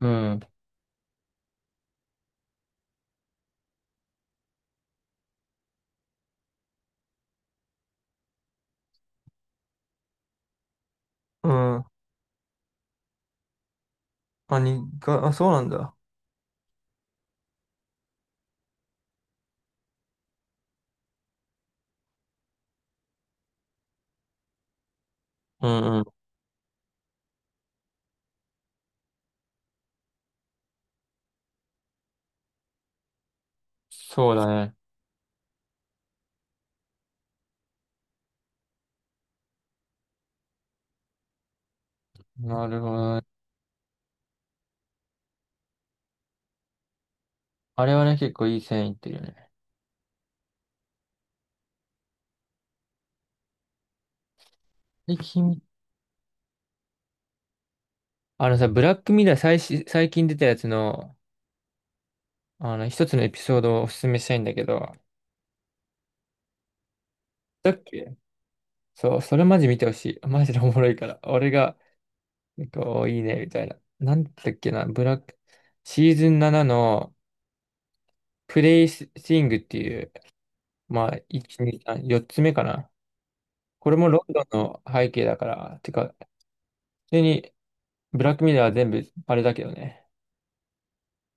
うん。うん。あ、あ、そうなんだ。うんうん。そうだね。なるほどね。あれはね、結構いい線いってるよね。で、君、あのさ、ブラックミラー最近出たやつの、一つのエピソードをおすすめしたいんだけど、だっけそう、それマジ見てほしい。マジでおもろいから。俺が、こう、いいね、みたいな。なんだっけな、ブラック、シーズン7の、プレイスイングっていう、まあ、1、2、3、4つ目かな。これもロンドンの背景だから、てか、普通にブラックミラーは全部、あれだけどね。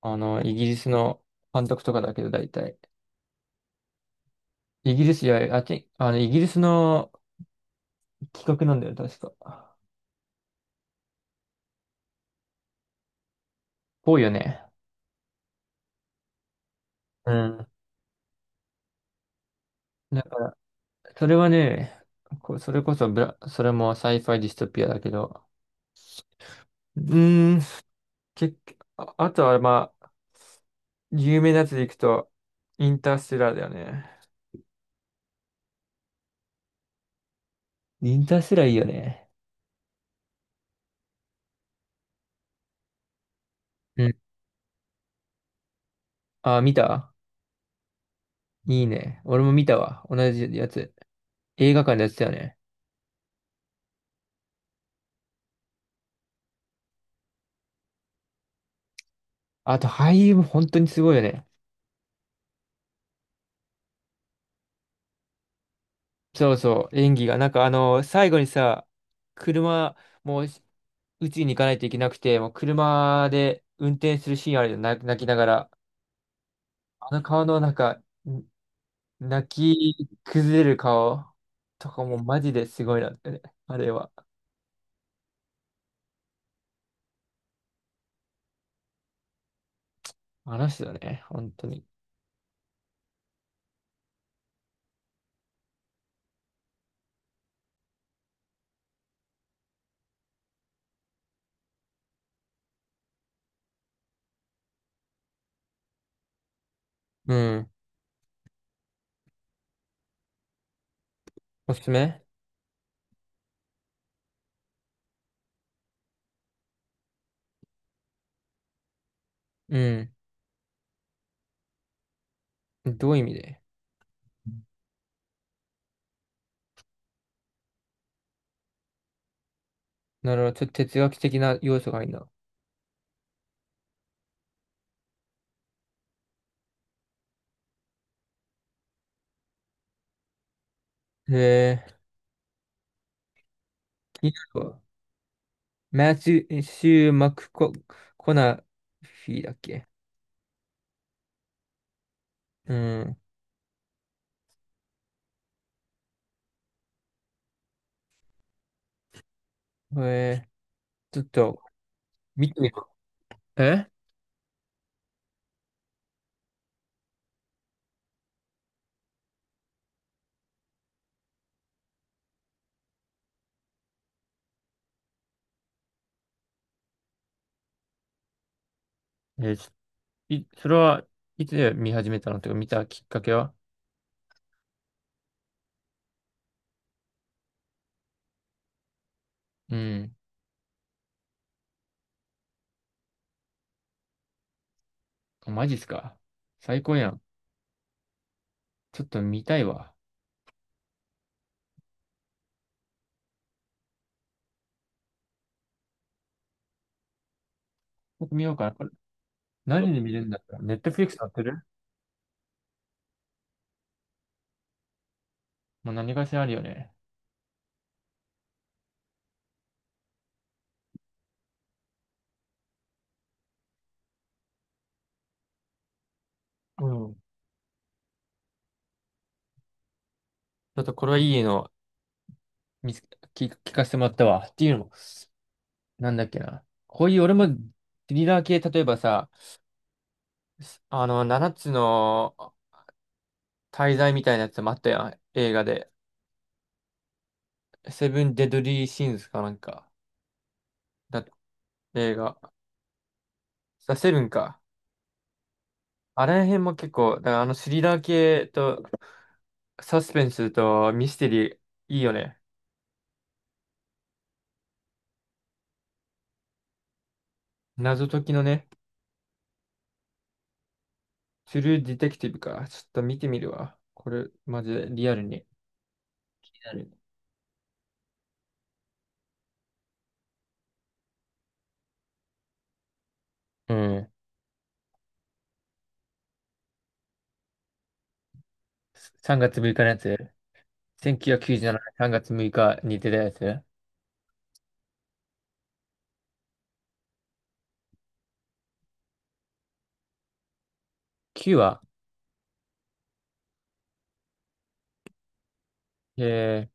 イギリスの監督とかだけど、大体。イギリス、いや、あっち、あの、イギリスの企画なんだよ、確か。多いよね。うん。だから、それはね、こう、それこそブラ、それもサイファイディストピアだけど、うーん、結局、あ、あとは、まあ、有名なやつでいくと、インターステラーだよね。インターステラーいいよね。うん。あ、見た。いいね。俺も見たわ。同じやつ。映画館でやってたよね。あと俳優も本当にすごいよね。そうそう、演技が。なんか最後にさ、車、もう、うちに行かないといけなくて、もう車で運転するシーンあるよ、泣きながら。あの顔のなんか、ん泣き崩れる顔とかもマジですごいなってね。あれは。あの人だね、本当に。うん。おすすめうん。どういう意味で？なるほど。ちょっと哲学的な要素がいいな。へえ、気になるわ。マチュシュー・マクコ、コナフィだっけ？うん。これ、ちょっと、見てみる。ええ、それはいつ見始めたのとか見たきっかけは？うん。あマジっすか。最高やん。ちょっと見たいわ。僕見ようかな。これ何で見れるんだったらネットフリックス載ってる？もう何かしらあるよね。うん。ちょっとこれはいいの見つ聞、聞かせてもらったわ。っていうのも、なんだっけな。こういう俺もスリラー系、例えばさ、7つの滞在みたいなやつもあったやん、映画で。セブン・デドリー・シーンズかなんか。だ、映画。あセブンか。あれ辺も結構、だからあのスリラー系とサスペンスとミステリー、いいよね。謎解きのね、トゥルーディテクティブか。ちょっと見てみるわ。これ、マジでリアルに。リアルに、うん。3月6日のやつ。1997年3月6日に出たやつ。9話。え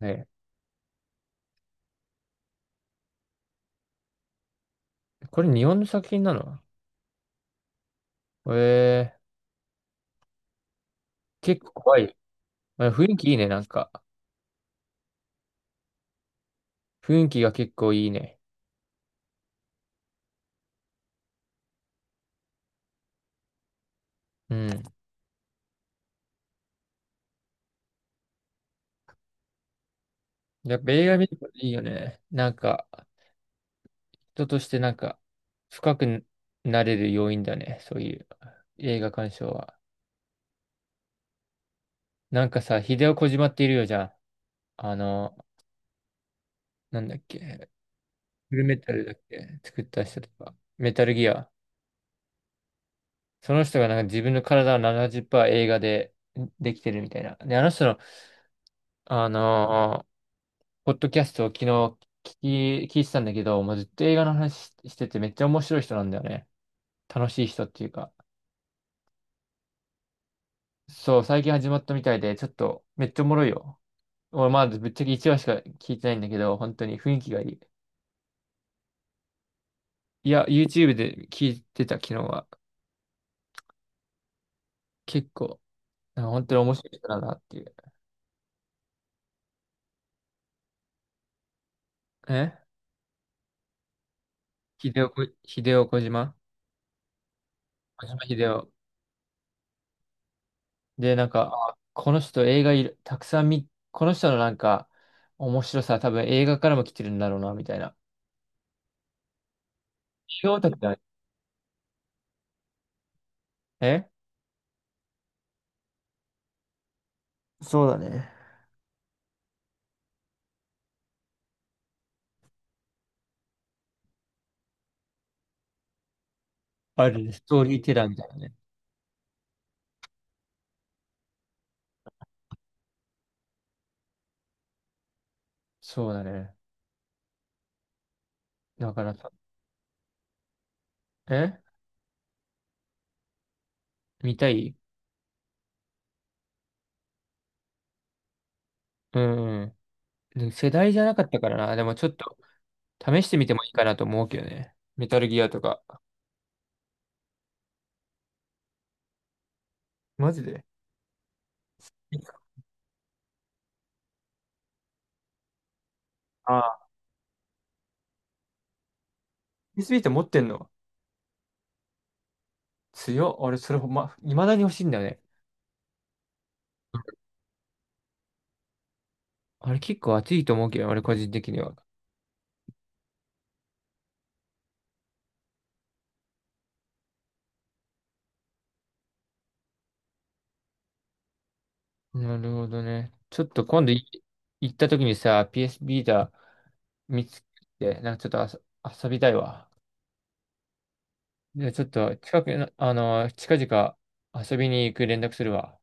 ー、ね、これ日本の作品なの？えー、結構怖い。まあ、雰囲気いいね、なんか。雰囲気が結構いいね。うん。やっぱ映画見るといいよね。なんか、人としてなんか、深くなれる要因だね。そういう映画鑑賞は。なんかさ、ヒデオ・コジマっているよじゃん。あの、なんだっけ。フルメタルだっけ作った人とか。メタルギア。その人がなんか自分の体を70%映画でできてるみたいな。で、あの人の、あのポッドキャストを昨日聞いてたんだけど、もうずっと映画の話ししててめっちゃ面白い人なんだよね。楽しい人っていうか。そう、最近始まったみたいで、ちょっとめっちゃおもろいよ。俺まだぶっちゃけ1話しか聞いてないんだけど、本当に雰囲気がいい。いや、YouTube で聞いてた昨日は。結構、なんか本当に面白い人だなっていう。え秀夫こ、秀夫小島小島秀夫。で、なんか、あこの人映画いる、たくさん見、この人のなんか面白さは多分映画からも来てるんだろうな、みたいな。違う、だってあれ、え、そうだね。あるね、ストーリーテラーみたいなね。そうだね。だからさ、え見たい。うんうん。で世代じゃなかったからな。でもちょっと試してみてもいいかなと思うけどね。メタルギアとか。マジで。ああ、PSI って持ってんの？強っ。俺、それほんま、未だに欲しいんだよね。あれ結構熱いと思うけど、俺個人的には。なるほどね。ちょっと今度行った時にさ、PS ビー t a 見つけて、なんかちょっと遊びたいわ。じゃあちょっと近くあの、近々遊びに行く連絡するわ。